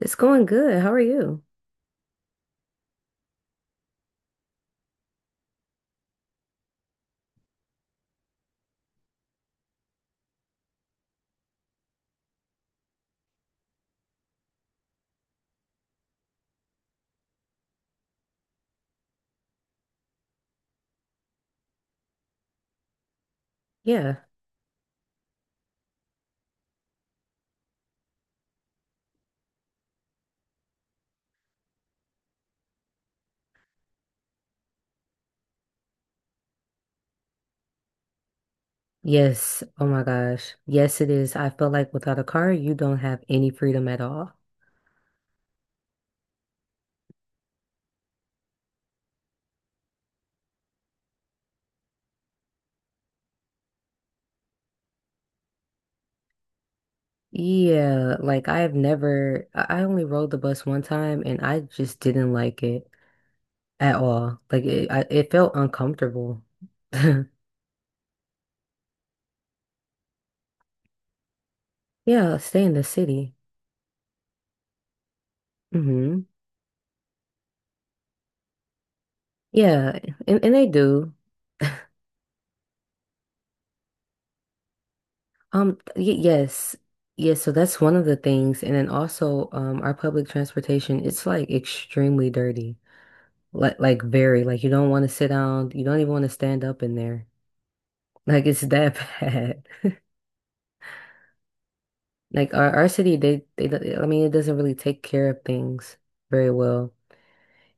It's going good. How are you? Yeah. Yes. Oh my gosh. Yes, it is. I feel like without a car, you don't have any freedom at all. Yeah. Like I've never, I only rode the bus one time and I just didn't like it at all. Like it, I, it felt uncomfortable. Yeah. Stay in the city. Hmm. Yeah. And they do. Y yes. Yes, so that's one of the things. And then also, our public transportation, it's like extremely dirty. Like very, like you don't want to sit down, you don't even want to stand up in there. Like it's that bad. Like our city, I mean it doesn't really take care of things very well.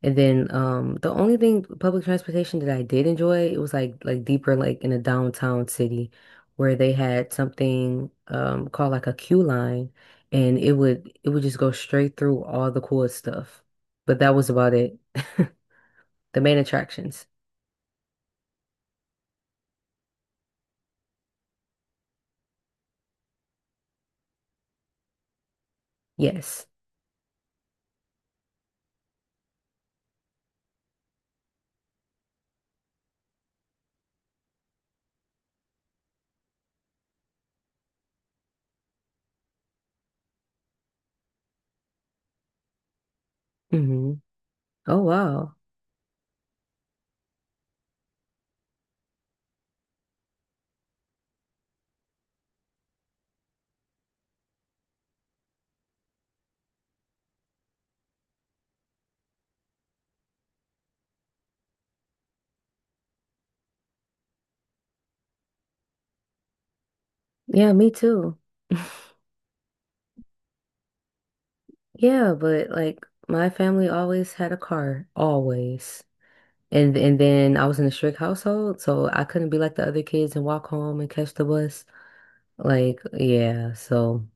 And then the only thing public transportation that I did enjoy, it was like deeper, like in a downtown city where they had something called like a queue line and it would just go straight through all the cool stuff. But that was about it. The main attractions. Yes. Hmm. Oh wow. Yeah, me too. Yeah, but like my family always had a car, always. And then I was in a strict household, so I couldn't be like the other kids and walk home and catch the bus. Like, yeah, so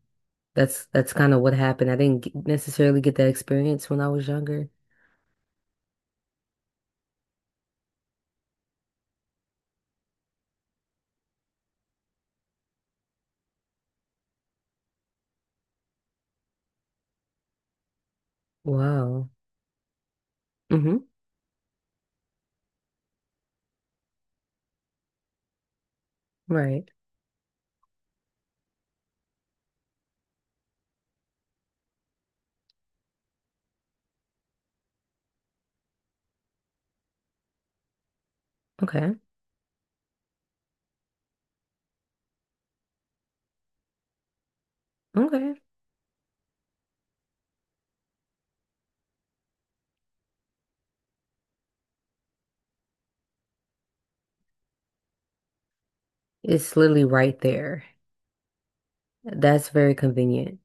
that's kind of what happened. I didn't get- necessarily get that experience when I was younger. Wow. Mm-hmm. Right. Okay. Okay. It's literally right there. That's very convenient.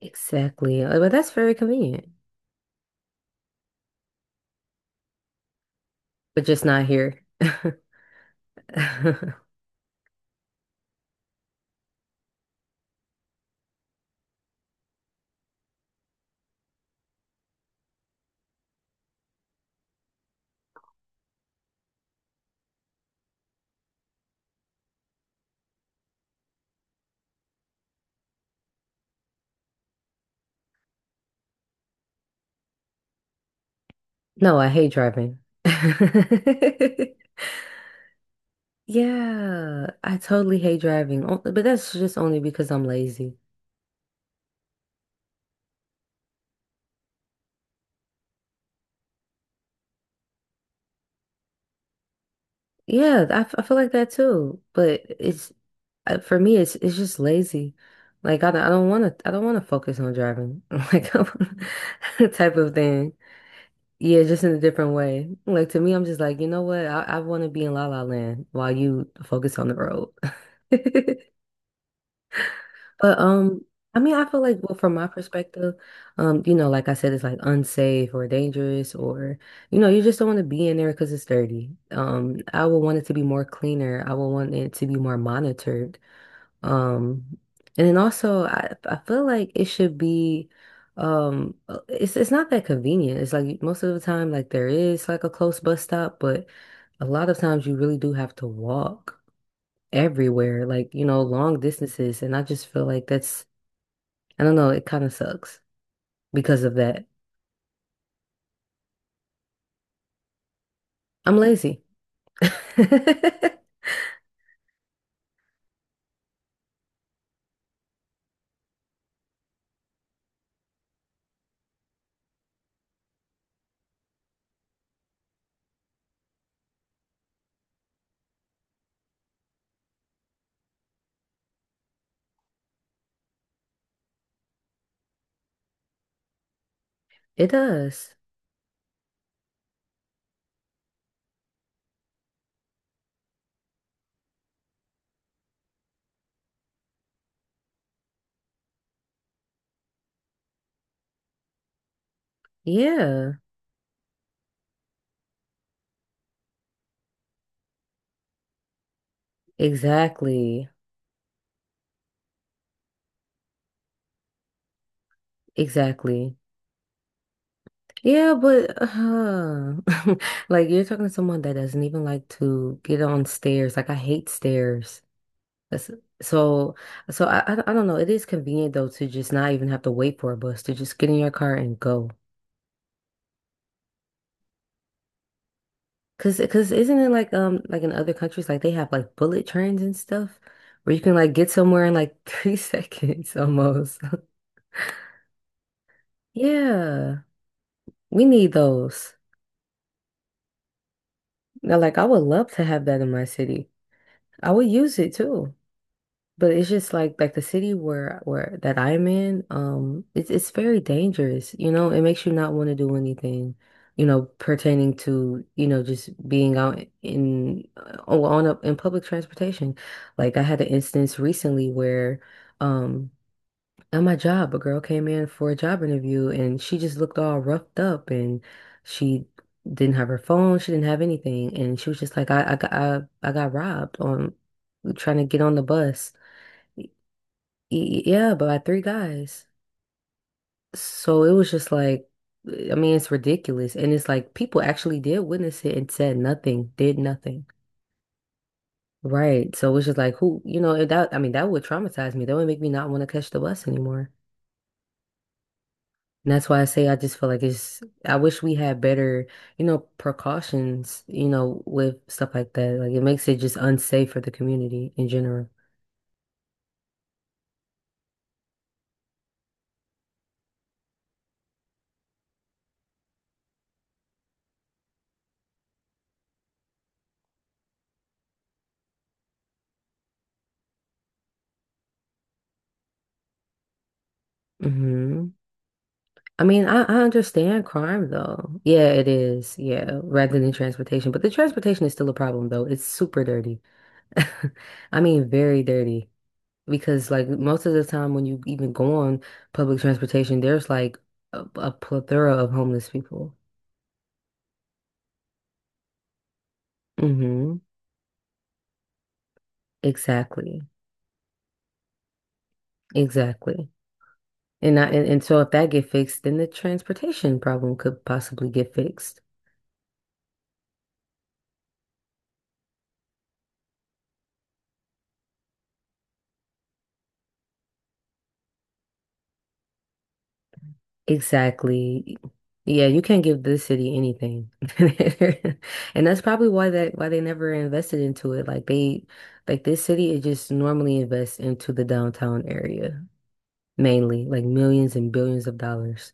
Exactly. But that's very convenient. But just not here. No, I hate driving. Yeah, I totally hate driving, O- but that's just only because I'm lazy. Yeah, I feel like that too, but it's for me it's just lazy. Like I don't want to focus on driving. Like type of thing. Yeah, just in a different way. Like to me I'm just like, you know what? I want to be in La La Land while you focus on the road. But I mean, I feel like, well, from my perspective, you know, like I said, it's like unsafe or dangerous, or you know, you just don't want to be in there because it's dirty. I would want it to be more cleaner. I would want it to be more monitored. Um, and then also, I feel like it should be, it's not that convenient. It's like most of the time, like there is like a close bus stop, but a lot of times you really do have to walk everywhere, like you know, long distances, and I just feel like that's I don't know, it kind of sucks because of that. I'm lazy. It does. Yeah, exactly. Exactly. Yeah, but like you're talking to someone that doesn't even like to get on stairs. Like I hate stairs. That's, so so I don't know. It is convenient though to just not even have to wait for a bus to just get in your car and go. Cause isn't it like in other countries like they have like bullet trains and stuff where you can like get somewhere in like 3 seconds almost. Yeah, we need those. Now, like I would love to have that in my city. I would use it too. But it's just like the city where that I'm in, it's very dangerous. You know, it makes you not want to do anything, you know, pertaining to, you know, just being out in on in public transportation. Like I had an instance recently where um at my job, a girl came in for a job interview and she just looked all roughed up and she didn't have her phone, she didn't have anything, and she was just like, I got robbed on trying to get on the bus. Yeah, by three guys. So it was just like, I mean, it's ridiculous. And it's like people actually did witness it and said nothing, did nothing. Right. So it was just like, who, you know, and that, I mean, that would traumatize me. That would make me not want to catch the bus anymore. And that's why I say I just feel like it's, I wish we had better, you know, precautions, you know, with stuff like that. Like it makes it just unsafe for the community in general. Hmm. I understand crime though. Yeah, it is. Yeah, rather than transportation. But the transportation is still a problem though. It's super dirty. I mean, very dirty. Because like most of the time when you even go on public transportation, there's like a plethora of homeless people. Hmm. Exactly. Exactly. And so if that get fixed, then the transportation problem could possibly get fixed. Exactly. Yeah, you can't give this city anything. And that's probably why they never invested into it. Like they like this city it just normally invests into the downtown area mainly, like millions and billions of dollars.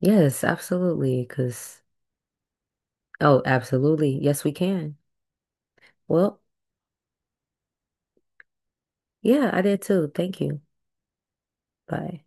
Yes, absolutely. 'Cause oh, absolutely. Yes, we can. Well, yeah, I did too. Thank you. Bye.